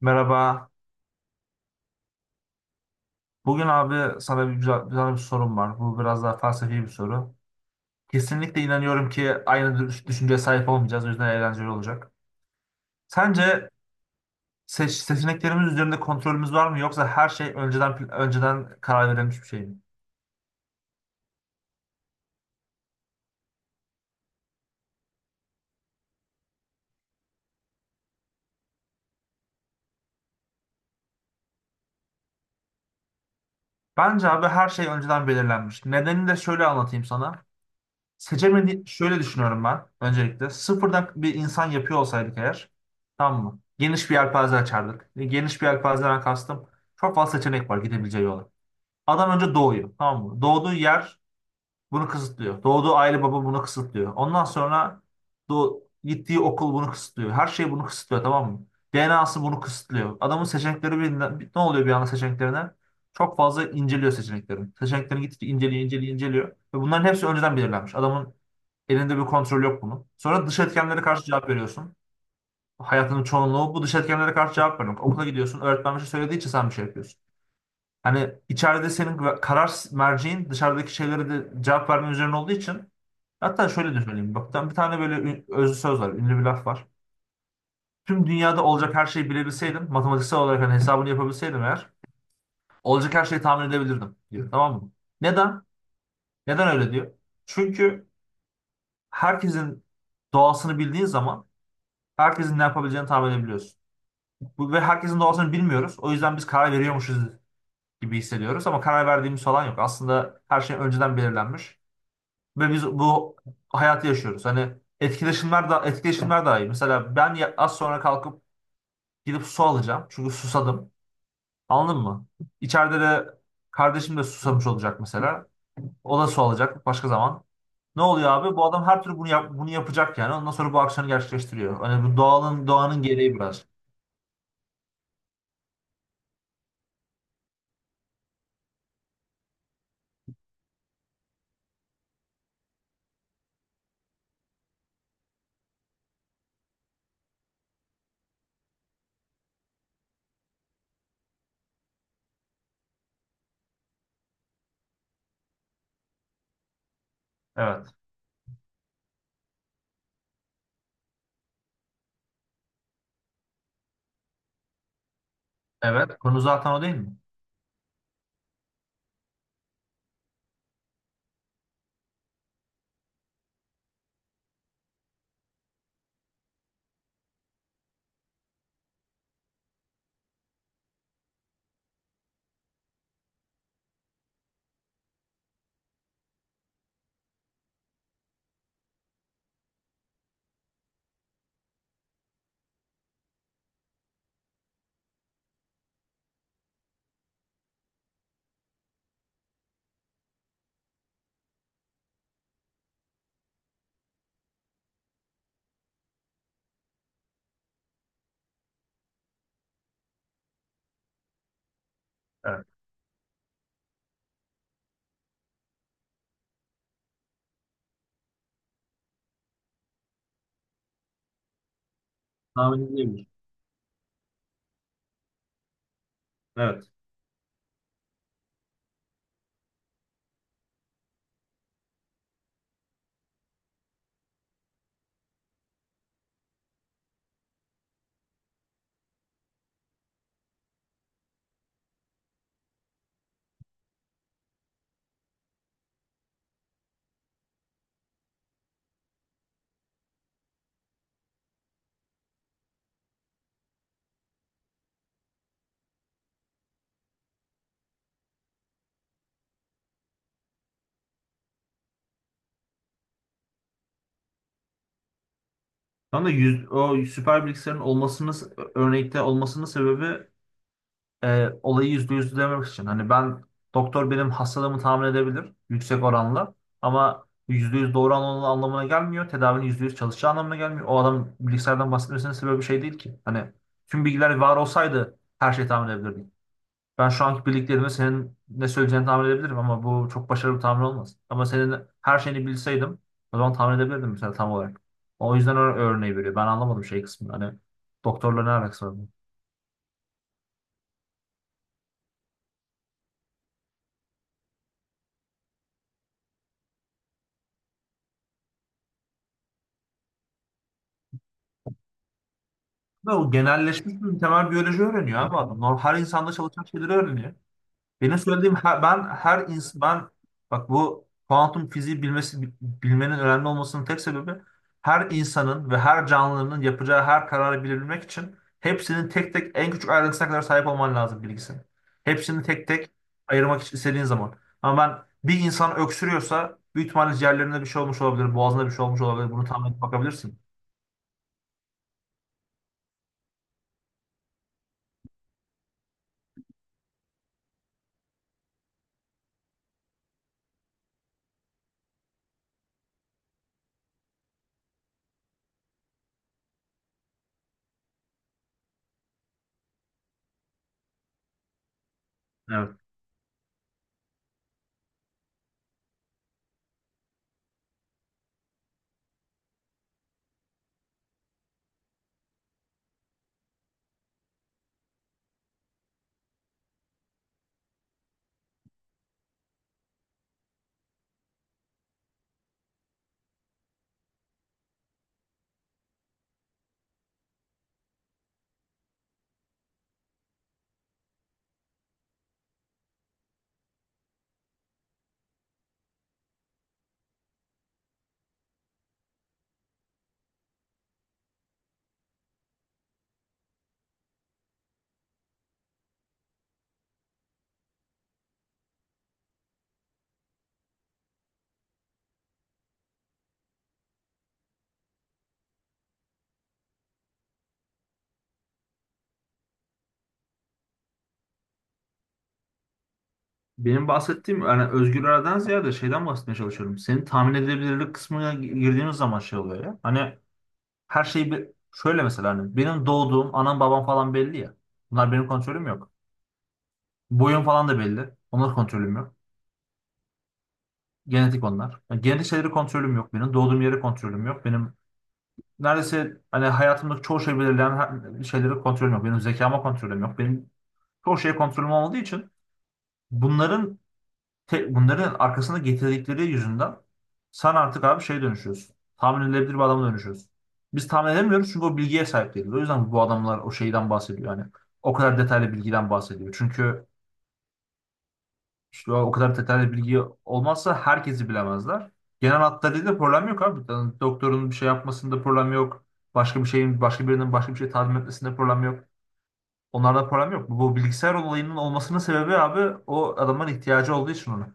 Merhaba. Bugün abi sana bir güzel, güzel bir sorum var. Bu biraz daha felsefi bir soru. Kesinlikle inanıyorum ki aynı düşünceye sahip olmayacağız. O yüzden eğlenceli olacak. Sence seçeneklerimiz üzerinde kontrolümüz var mı, yoksa her şey önceden karar verilmiş bir şey mi? Bence abi her şey önceden belirlenmiş. Nedenini de şöyle anlatayım sana. Seçemedi şöyle düşünüyorum ben öncelikle. Sıfırdan bir insan yapıyor olsaydık eğer, tamam mı? Geniş bir yelpaze açardık. Geniş bir yelpazeden kastım çok fazla seçenek var gidebileceği yol. Adam önce doğuyor. Tamam mı? Doğduğu yer bunu kısıtlıyor. Doğduğu aile baba bunu kısıtlıyor. Ondan sonra gittiği okul bunu kısıtlıyor. Her şey bunu kısıtlıyor, tamam mı? DNA'sı bunu kısıtlıyor. Adamın seçenekleri ne oluyor bir anda seçeneklerine? Çok fazla inceliyor seçeneklerini. Seçeneklerini gittikçe inceliyor. Ve bunların hepsi önceden belirlenmiş. Adamın elinde bir kontrol yok bunun. Sonra dış etkenlere karşı cevap veriyorsun. Hayatının çoğunluğu bu dış etkenlere karşı cevap vermek. Okula gidiyorsun, öğretmen bir şey söylediği için sen bir şey yapıyorsun. Hani içeride senin karar merceğin dışarıdaki şeylere de cevap verme üzerine olduğu için hatta şöyle de söyleyeyim. Bak ben bir tane böyle özlü söz var, ünlü bir laf var. Tüm dünyada olacak her şeyi bilebilseydim, matematiksel olarak hani hesabını yapabilseydim eğer, olacak her şeyi tahmin edebilirdim diyor. Tamam mı? Neden? Neden öyle diyor? Çünkü herkesin doğasını bildiğin zaman herkesin ne yapabileceğini tahmin edebiliyorsun. Ve herkesin doğasını bilmiyoruz. O yüzden biz karar veriyormuşuz gibi hissediyoruz ama karar verdiğimiz falan yok. Aslında her şey önceden belirlenmiş. Ve biz bu hayatı yaşıyoruz. Hani etkileşimler daha iyi. Mesela ben az sonra kalkıp gidip su alacağım. Çünkü susadım. Anladın mı? İçeride de kardeşim de susamış olacak mesela. O da su alacak başka zaman. Ne oluyor abi? Bu adam her türlü bunu yapacak yani. Ondan sonra bu aksiyonu gerçekleştiriyor. Hani bu doğanın gereği biraz. Evet. Evet. Konu zaten o değil mi? Evet. Tahmin edilebilir. Evet. O süper bilgisayarın örnekte olmasının sebebi olayı yüzde yüz demek için. Hani ben doktor benim hastalığımı tahmin edebilir yüksek oranla ama yüzde yüz doğru anlamına gelmiyor. Tedavinin yüzde yüz çalışacağı anlamına gelmiyor. O adam bilgisayardan bahsetmesinin sebebi bir şey değil ki. Hani tüm bilgiler var olsaydı her şeyi tahmin edebilirdim. Ben şu anki bildiklerimi senin ne söyleyeceğini tahmin edebilirim ama bu çok başarılı bir tahmin olmaz. Ama senin her şeyini bilseydim o zaman tahmin edebilirdim mesela tam olarak. O yüzden o örneği veriyor. Ben anlamadım şey kısmını. Hani doktorla ne alakası var bunun? Ve o genelleşmiş bir temel biyoloji öğreniyor abi adam. Normal, her insanda çalışan şeyleri öğreniyor. Benim söylediğim her- ben her insan ben Bak bu kuantum fiziği bilmenin önemli olmasının tek sebebi her insanın ve her canlının yapacağı her kararı bilebilmek için hepsinin tek tek en küçük ayrıntısına kadar sahip olman lazım bilgisini. Hepsini tek tek ayırmak için istediğin zaman. Ama ben bir insan öksürüyorsa büyük ihtimalle ciğerlerinde bir şey olmuş olabilir, boğazında bir şey olmuş olabilir. Bunu tahmin edip bakabilirsin. Benim bahsettiğim yani özgür iraden ziyade şeyden bahsetmeye çalışıyorum. Senin tahmin edebilirlik kısmına girdiğimiz zaman şey oluyor ya. Hani her şey bir, şöyle mesela hani benim doğduğum anam babam falan belli ya. Bunlar benim kontrolüm yok. Boyum falan da belli. Onlar kontrolüm yok. Genetik onlar. Yani genetik şeyleri kontrolüm yok benim. Doğduğum yeri kontrolüm yok. Benim neredeyse hani hayatımdaki çoğu şey belirleyen şeyleri kontrolüm yok. Benim zekama kontrolüm yok. Benim çoğu şeye kontrolüm olmadığı için bunların bunların arkasında getirdikleri yüzünden sen artık abi şey dönüşüyorsun. Tahmin edilebilir bir adama dönüşüyorsun. Biz tahmin edemiyoruz çünkü o bilgiye sahip değiliz. O yüzden bu adamlar o şeyden bahsediyor. Yani o kadar detaylı bilgiden bahsediyor. Çünkü işte o kadar detaylı bilgi olmazsa herkesi bilemezler. Genel hatlarıyla problem yok abi. Yani doktorun bir şey yapmasında problem yok. Başka birinin başka bir şey talim etmesinde problem yok. Onlarda problem yok. Bu bilgisayar olayının olmasının sebebi abi o adamın ihtiyacı olduğu için ona.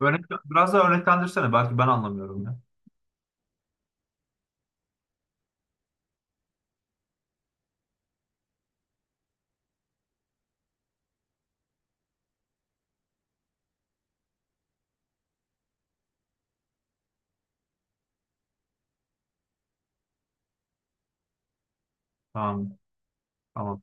Örnek, biraz daha örneklendirsene. Belki ben anlamıyorum ya. Tamam. Tamam.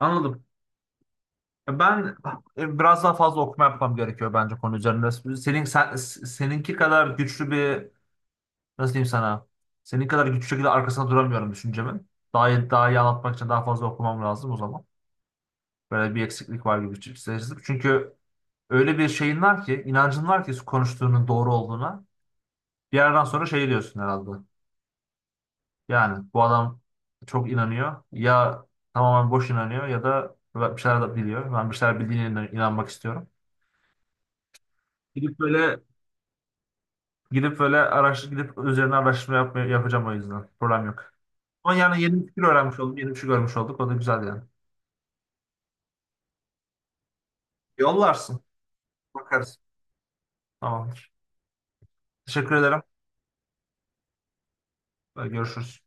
Anladım. Ben biraz daha fazla okuma yapmam gerekiyor bence konu üzerinde. Seninki kadar güçlü bir nasıl diyeyim sana? Senin kadar güçlü şekilde arkasına duramıyorum düşüncemin. Daha iyi anlatmak için daha fazla okumam lazım o zaman. Böyle bir eksiklik var gibi hissediyorum. Çünkü öyle bir şeyin var ki, inancın var ki konuştuğunun doğru olduğuna. Bir yerden sonra şey diyorsun herhalde. Yani bu adam çok inanıyor. Ya tamamen boş inanıyor ya da bir şeyler de biliyor. Ben bir şeyler bildiğine inanmak istiyorum. Gidip böyle gidip böyle gidip üzerine araştırma yapacağım o yüzden. Problem yok. Ama yani yeni bir fikir öğrenmiş oldum. Yeni bir şey görmüş olduk. O da güzel yani. Yollarsın. Bakarız. Tamamdır. Teşekkür ederim. Görüşürüz.